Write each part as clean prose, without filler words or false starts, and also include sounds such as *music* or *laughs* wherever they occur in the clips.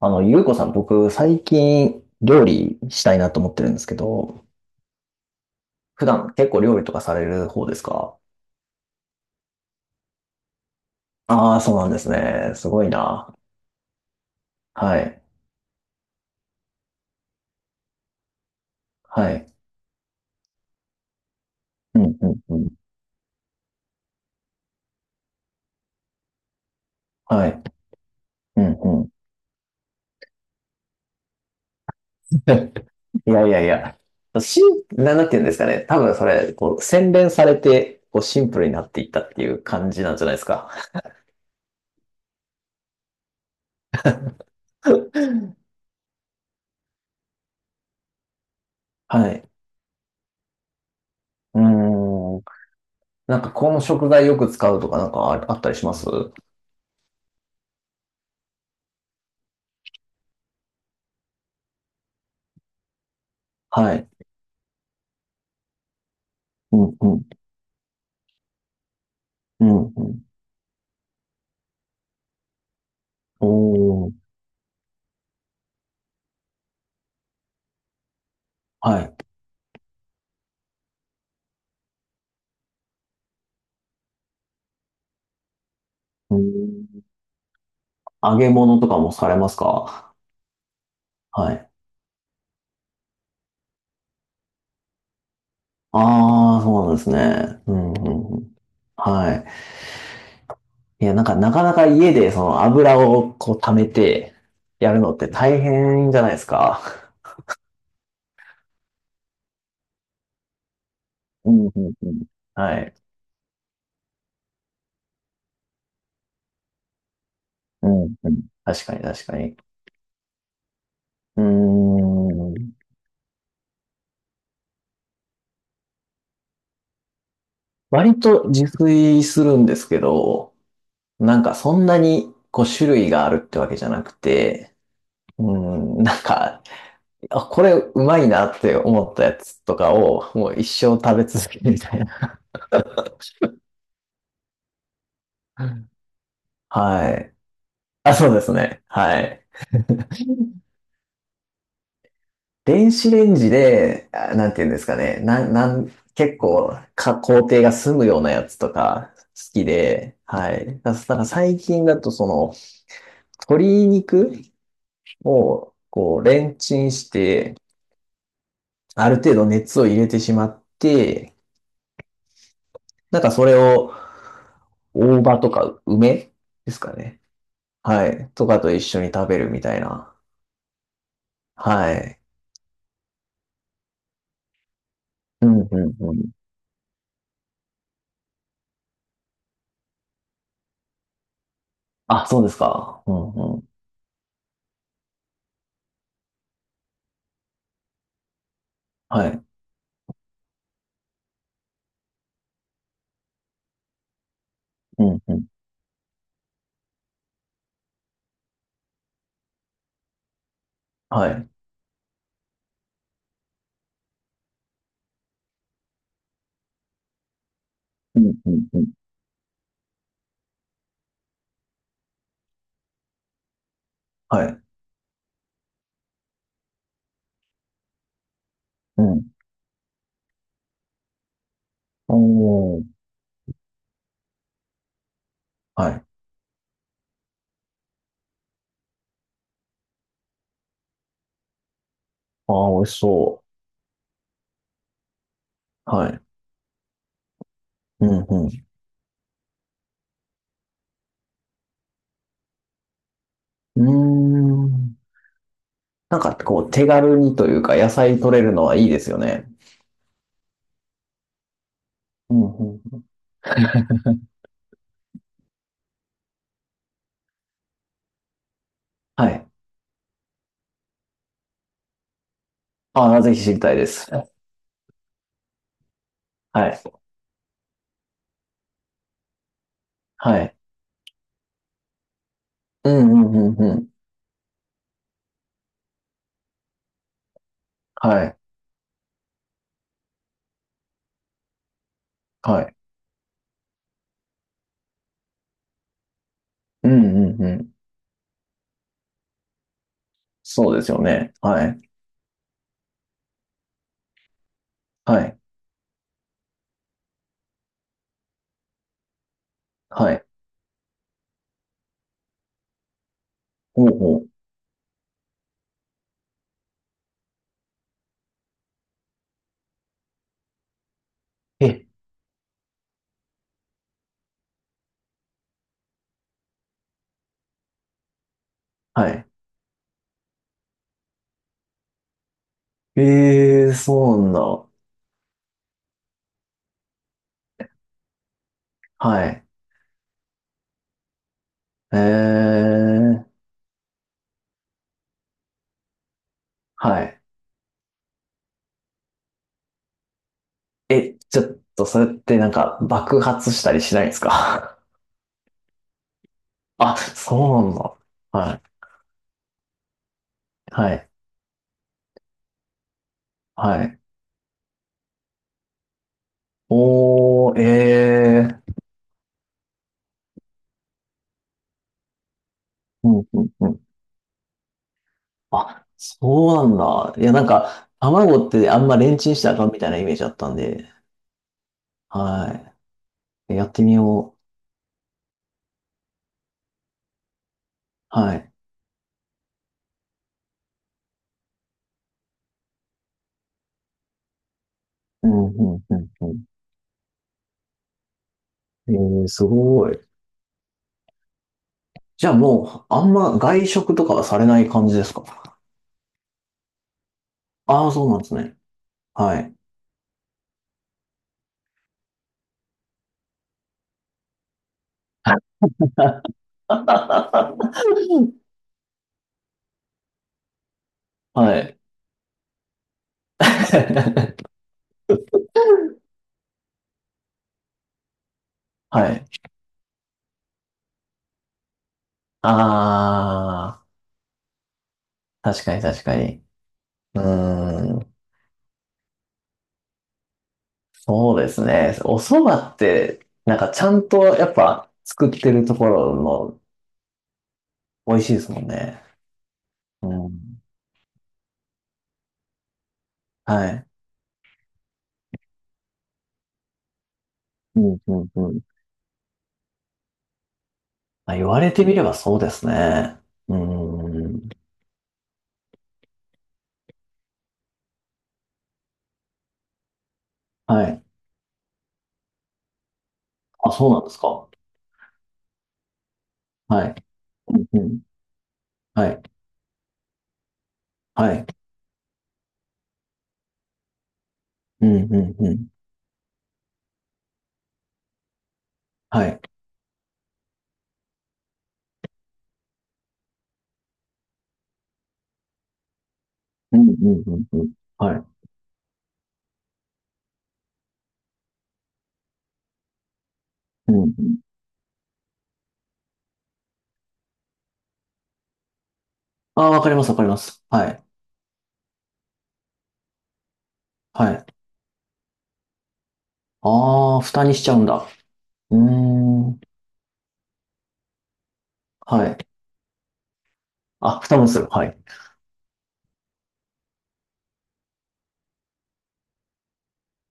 ゆうこさん、僕、最近、料理したいなと思ってるんですけど、普段結構料理とかされる方ですか？ああー、そうなんですね。すごいな。はい。はい。うん、うん、うん。はい。うん、うん。*laughs* いやいやいや。し、なんて言うんですかね。多分それ、こう、洗練されて、こう、シンプルになっていったっていう感じなんじゃないですか。*laughs* はい。うーん。なんか、この食材よく使うとか、なんかあ、あったりします？はい。うん、うん、うん、うん。おー、はい。うん、揚げ物とかもされますか？はい。ああ、そうなんですね。うん、うん、うん。はい。いや、なんか、なかなか家で、その油をこう溜めてやるのって大変じゃないですか。うん、うん、うん。はい。うん、うん。確かに、確かに。うーん。割と自炊するんですけど、なんかそんなにこう種類があるってわけじゃなくて、うん、なんかあ、これうまいなって思ったやつとかを、もう一生食べ続けるみたいな。*laughs* はい。あ、そうですね。はい。電子レンジで、あなんていうんですかね。なん、なん、結構か、工程が済むようなやつとか好きで、はい。だから最近だとその、鶏肉をこう、レンチンして、ある程度熱を入れてしまって、なんかそれを大葉とか梅ですかね。はい。とかと一緒に食べるみたいな。はい。うん、うん、うん。あ、そうですか。うん、うん。はい。うん、うん。はい。うん、うん、うん。はい。うん。おー。はい。ああ、美味しそう。はい。うん、うん。うーん。なんか、こう、手軽にというか、野菜取れるのはいいですよね。うん、うん。はい。ああ、ぜひ知りたいです。はい。はい。うん、うん、うん、うん。はい。はい。うん、うん、うん。そうですよね。はい。はい。はい。ほうほう。え、はい。ええそうなんだ。はい。ええはい。え、ちょっと、それってなんか爆発したりしないんですか？ *laughs* あ、そうなんだ。はい。はい。はい。おー、ええうん、うん、うん。あ、そうなんだ。いや、なんか、卵ってあんまレンチンしたらあかんみたいなイメージあったんで、はい。やってみよう。はい。うん、うん、うん、うん。ええすごい。じゃあもう、あんま外食とかはされない感じですか？ああー、そうなんですね。はい。*laughs* はい。*laughs* はい。ああ、確かに確かに。うーん、そうですね。お蕎麦って、なんかちゃんとやっぱ作ってるところの美味しいですもんね。うん。はい。うん、うん、うん。あ、言われてみればそうですね。うーん。はい。あ、そうなんですか。はい。うん、うん。はい。はい。うんうんうん。はい。うんうんうんうん。はい。うんうん。ああ、わかりますわかります。はい。はい。ああ、蓋にしちゃうんだ。うーん。はい。あ、蓋もする。はい。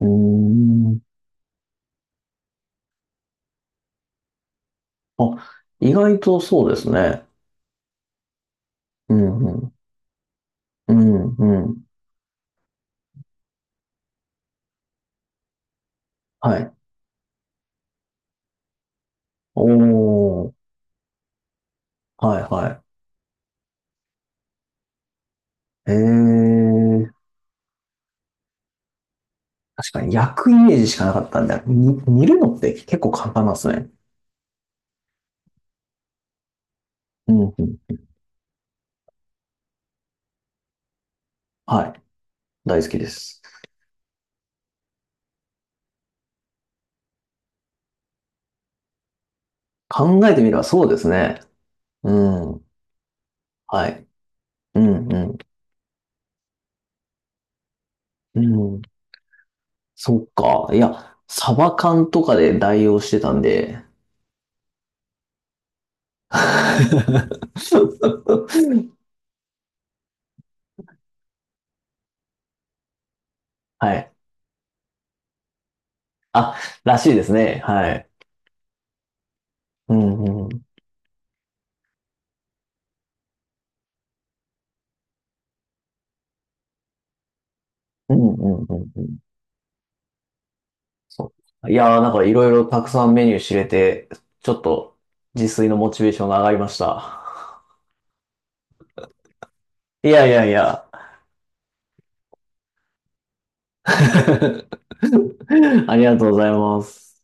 うーん。あ、意外とそうですね。うんうん。うんうん。はい。おお。はいはい。ええ。確かに焼くイメージしかなかったんで、煮るのって結構簡単なんですね。うんうん。はい。大好きです。考えてみればそうですね。うん。はい。うん、うん、うん。そっか。いや、サバ缶とかで代用してたんで。*laughs* はい。あ、らしいですね。はい。うん、うん。うん、うん、うん。うんそう。いやー、なんかいろいろたくさんメニュー知れて、ちょっと自炊のモチベーションが上がりました。いやいやいや。*laughs* ありがとうございます。